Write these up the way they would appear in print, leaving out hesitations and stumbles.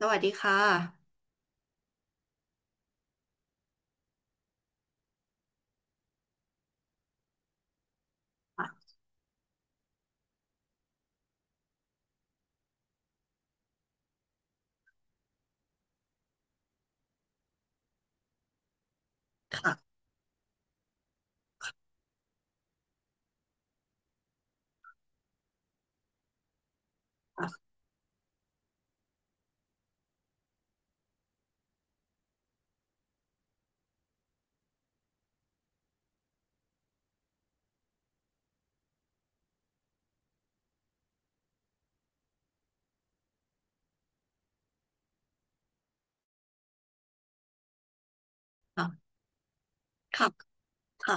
สวัสดีค่ะอ่ะค่ะค่ะ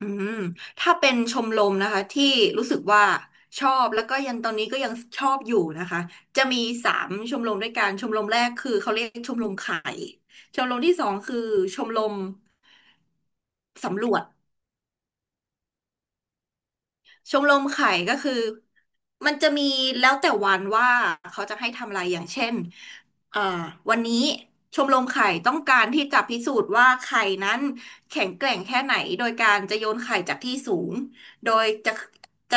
อืมถ้าเป็นชมรมนะคะที่รู้สึกว่าชอบแล้วก็ยังตอนนี้ก็ยังชอบอยู่นะคะจะมีสามชมรมด้วยกันชมรมแรกคือเขาเรียกชมรมไข่ชมรมที่สองคือชมรมสำรวจ ชมรมไข่ก็คือมันจะมีแล้วแต่วันว่าเขาจะให้ทำอะไรอย่างเช่นเอ่อวันนี้ชมรมไข่ต้องการที่จะพิสูจน์ว่าไข่นั้นแข็งแกร่งแค่ไหนโดยการจะโยนไข่จากที่สูงโดยจะ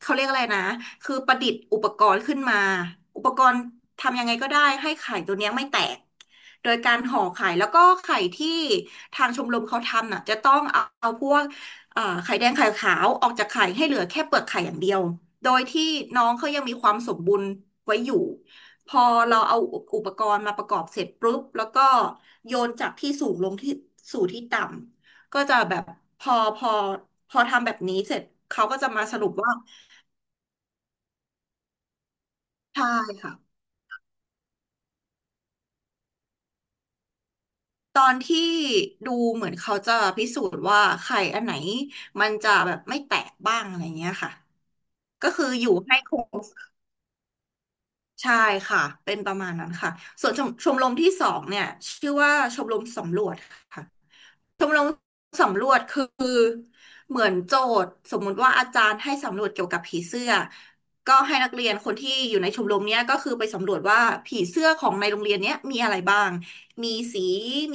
เขาเรียกอะไรนะคือประดิษฐ์อุปกรณ์ขึ้นมาอุปกรณ์ทำยังไงก็ได้ให้ไข่ตัวเนี้ยไม่แตกโดยการห่อไข่แล้วก็ไข่ที่ทางชมรมเขาทำน่ะจะต้องเอาพวก ไข่แดงไข่ขาวออกจากไข่ให้เหลือแค่เปลือกไข่อย่างเดียว โดยที่น้องเขายังมีความสมบูรณ์ไว้อยู่ พอเราเอาอุปกรณ์มาประกอบเสร็จปุ๊บ แล้วก็โยนจากที่สูงลงที่สู่ที่ต่ำ ก็จะแบบพอพอพอทำแบบนี้เสร็จเขาก็จะมาสรุปว่าใช่ค่ะตอนที่ดูเหมือนเขาจะพิสูจน์ว่าไข่อันไหนมันจะแบบไม่แตกบ้างอะไรเงี้ยค่ะก็คืออยู่ให้คง ใช่ค่ะเป็นประมาณนั้นค่ะส่วนชมรมที่สองเนี่ยชื่อว่าชมรมสำรวจค่ะชมรมสำรวจคือเหมือนโจทย์สมมุติว่าอาจารย์ให้สำรวจเกี่ยวกับผีเสื้อก็ให้นักเรียนคนที่อยู่ในชมรมเนี้ยก็คือไปสำรวจว่าผีเสื้อของในโรงเรียนเนี้ยมีอะไรบ้างมีสี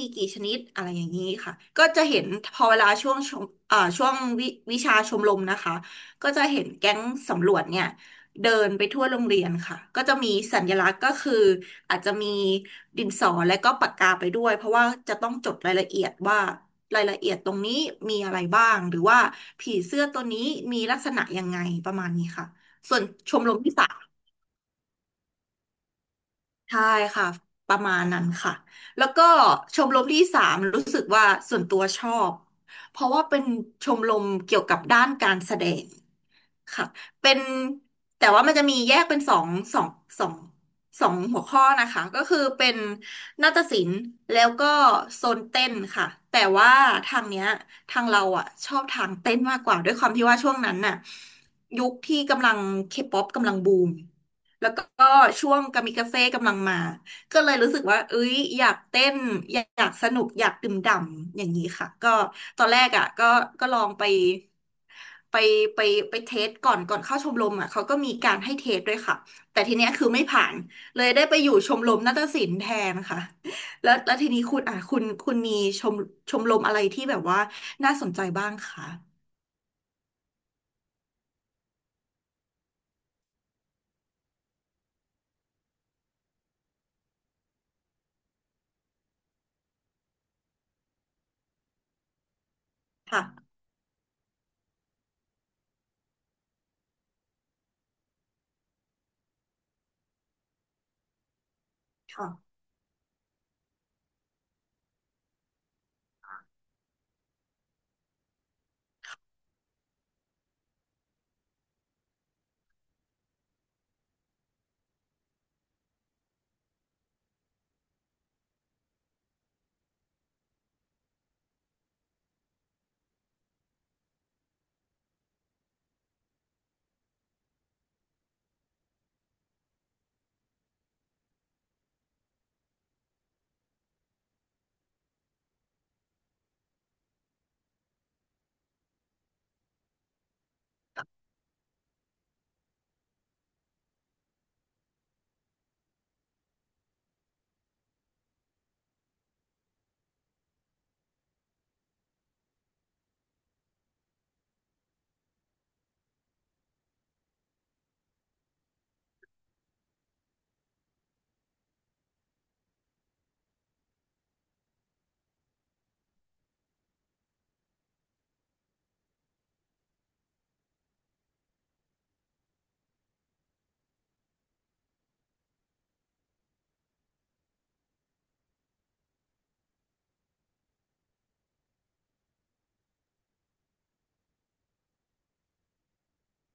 มีกี่ชนิดอะไรอย่างนี้ค่ะก็จะเห็นพอเวลาช่วงวิวิชาชมรมนะคะก็จะเห็นแก๊งสำรวจเนี่ย เดินไปทั่วโรงเรียนค่ะก็จะมีสัญลักษณ์ก็คืออาจจะมีดินสอและก็ปากกาไปด้วยเพราะว่าจะต้องจดรายละเอียดว่ารายละเอียดตรงนี้มีอะไรบ้างหรือว่าผีเสื้อตัวนี้มีลักษณะยังไงประมาณนี้ค่ะส่วนชมรมที่สามใช่ค่ะประมาณนั้นค่ะแล้วก็ชมรมที่สามรู้สึกว่าส่วนตัวชอบเพราะว่าเป็นชมรมเกี่ยวกับด้านการแสดง ค่ะเป็นแต่ว่ามันจะมีแยกเป็นสองสองสองหัวข้อนะคะก็คือเป็นนาฏศิลป์แล้วก็โซนเต้นค่ะแต่ว่าทางเนี้ยทางเราอ่ะชอบทางเต้นมากกว่าด้วยความที่ว่าช่วงนั้นน่ะยุคที่กำลังเคป๊อปกำลังบูมแล้วก็ช่วงกามิกาเซ่กำลังมา ก็เลยรู้สึกว่าเอ้ยอยากเต้นอยากสนุกอยากดื่มด่ำอย่างนี้ค่ะก็ตอนแรกอ่ะก็ลองไปไปไปเทสก่อนก่อนเข้าชมรมอ่ะเขาก็มีการให้เทสด้วยค่ะแต่ทีเนี้ยคือไม่ผ่านเลยได้ไปอยู่ชมรมนาฏศิลป์แทนค่ะแล้วทีนี้คุณอ่ะคุณมีชมชมรมอะไรที่แบบว่าน่าสนใจบ้างคะค่ะค่ะ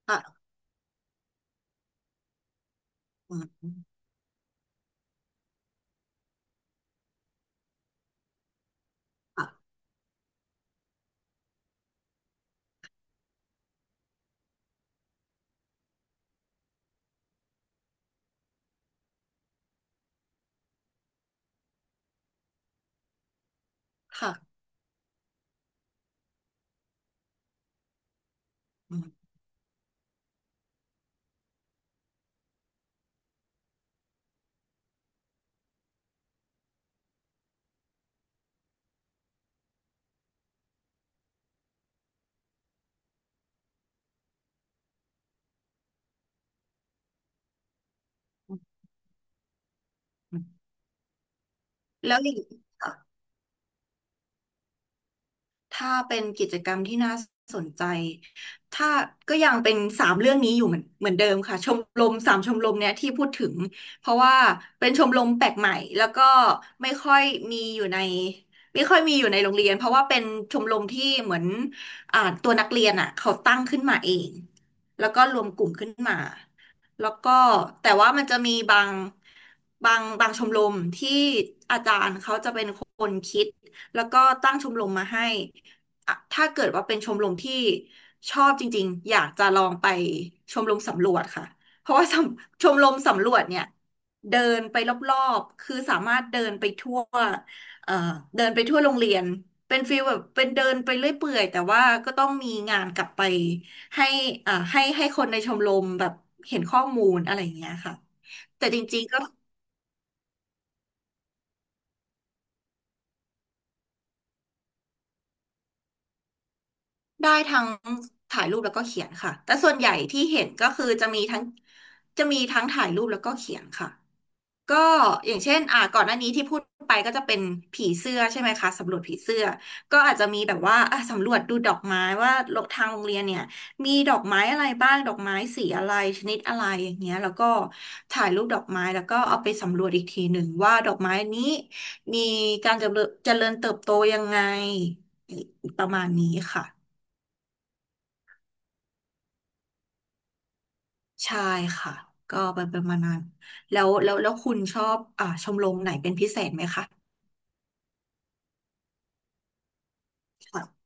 ค่ะอืมค่ะค่ะอืมแล้วอย่าง ถ้าเป็นกิจกรรมที่น่าสนใจ ถ้าก็ยังเป็นสามเรื่องนี้อยู่เหมือนเดิมค่ะชมรมสามชมรมเนี่ยที่พูดถึงเพราะว่าเป็นชมรมแปลกใหม่แล้วก็ไม่ค่อยมีอยู่ในไม่ค่อยมีอยู่ในโรงเรียนเพราะว่าเป็นชมรมที่เหมือนตัวนักเรียนอ่ะเขาตั้งขึ้นมาเองแล้วก็รวมกลุ่มขึ้นมาแล้วก็แต่ว่ามันจะมีบางชมรมที่อาจารย์เขาจะเป็นคนคิด แล้วก็ตั้งชมรมมาให้อ่ะถ้าเกิดว่าเป็นชมรมที่ชอบจริงๆ อยากจะลองไปชมรมสำรวจค่ะเพราะว่า ชมรมสำรวจเนี่ยเดินไปรอบๆ คือสามารถเดินไปทั่วเอ่อเดินไปทั่วโรงเรียนเป็นฟีลแบบเป็นเดินไปเรื่อยเปื่อยแต่ว่าก็ต้องมีงานกลับไปให้ให้คนในชมรมแบบเห็นข้อมูลอะไรอย่างเงี้ยค่ะแต่จริงๆก็ ได้ทั้งถ่ายรูปแล้วก็เขียนค่ะ แต่ส่วนใหญ่ที่เห็นก็คือจะมีทั้งถ่ายรูปแล้วก็เขียนค่ะ ก็อย่างเช่นก่อนหน้านี้ที่พูดไปก็จะเป็นผีเสื้อใช่ไหมคะสำรวจผีเสื้อก็อาจจะมีแบบว่าอ่ะสำรวจดูดอกไม้ว่าทางโรงเรียนเนี่ยมีดอกไม้อะไรบ้างดอกไม้สีอะไรชนิดอะไรอย่างเงี้ยแล้วก็ถ่ายรูปดอกไม้แล้วก็เอาไปสำรวจอีกทีหนึ่งว่าดอกไม้นี้มีการเจริญเติบโตยังไงประมาณนี้ค่ะ ใช่ค่ะก็ไปเป็นมาณน้นแล้วแล้วแล้วคุณชอบชมรมไหนเป็นพิเศษไหมคะค่ะ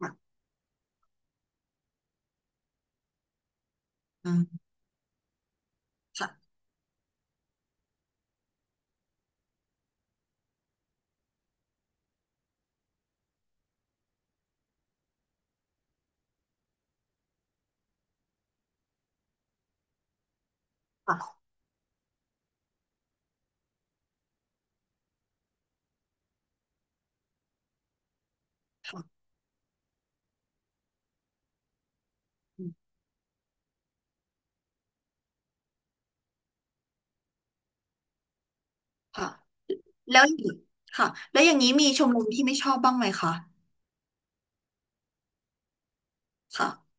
ค่ะอืมค่ะค่ะค่ะอืมค่ะแล้วอย่างค่ะแล้วอย่างนี้มีชมรมที่ไม่ชอบบ้างไหมคะค่ะ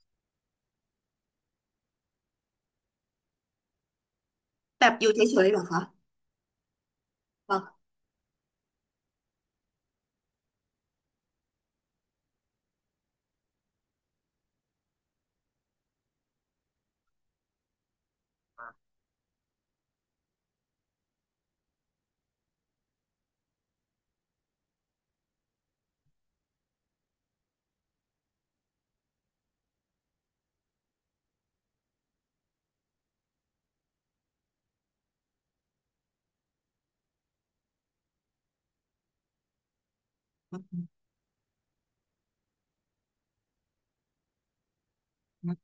แบบอยู่เฉยๆเหรอคะค่ะ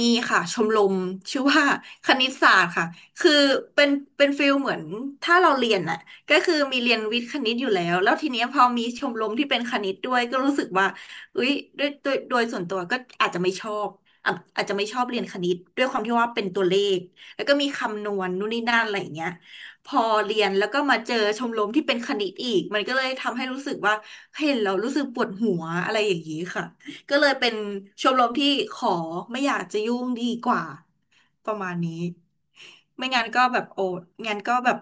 มีค่ะชมรมชื่อว่า คณิตศาสตร์ค่ะคือเป็นเป็นฟิลเหมือนถ้าเราเรียนน่ะก็คือมีเรียนวิทย์คณิตอยู่แล้วแล้วทีเนี้ยพอมีชมรมที่เป็นคณิตด้วยก็รู้สึกว่าอุ้ยด้วยโด้วยโดยส่วนตัวก็อาจจะไม่ชอบอ่ะอาจจะไม่ชอบเรียนคณิตด้วยความที่ว่าเป็นตัวเลขแล้วก็มีคำนวณนู่นนี่นั่นอะไรอย่างเงี้ยพอเรียนแล้วก็มาเจอชมรมที่เป็นคณิตอีกมันก็เลยทำให้รู้สึกว่าเห็นเรารู้สึกปวดหัวอะไรอย่างนี้ค่ะ ก็เลยเป็นชมรมที่ขอไม่อยากจะยุ่งดีกว่าประมาณนี้ไม่งั้นก็แบบโอ้งั้นก็แบบ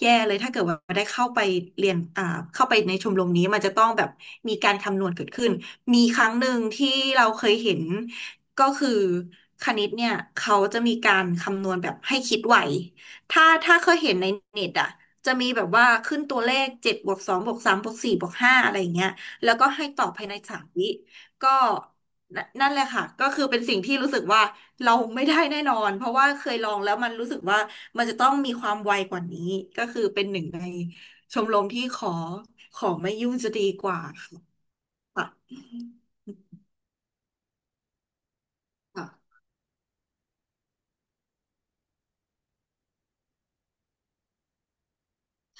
แย่เลยถ้าเกิดว่าได้เข้าไปเรียนอ่าเข้าไปในชมรมนี้มันจะต้องแบบมีการคำนวณเกิดขึ้นมีครั้งหนึ่งที่เราเคยเห็นก็คือคณิตเนี่ยเขาจะมีการคำนวณแบบให้คิดไวถ้าเคยเห็นในเน็ตอ่ะจะมีแบบว่าขึ้นตัวเลข7บวก2บวกสามบวก4บวก5อะไรอย่างเงี้ยแล้วก็ให้ตอบภายใน3 วิ ก็นนั่นแหละค่ะก็คือเป็นสิ่งที่รู้สึกว่าเราไม่ได้แน่นอนเพราะว่าเคยลองแล้วมันรู้สึกว่ามันจะต้องมีความไวกว่านี้ก็คือเป็นหนึ่งในชมรมที่ขอไม่ยุ่งจะดีกว่าค่ะค่ะ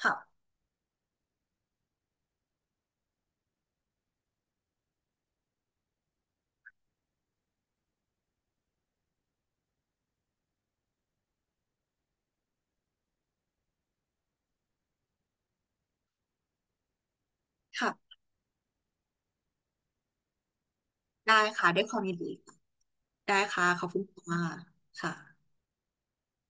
ค่ะค่ะได้ค่ะได้ความยินดีค่ะได้ค่ะขอบคุณค่ะค่ะ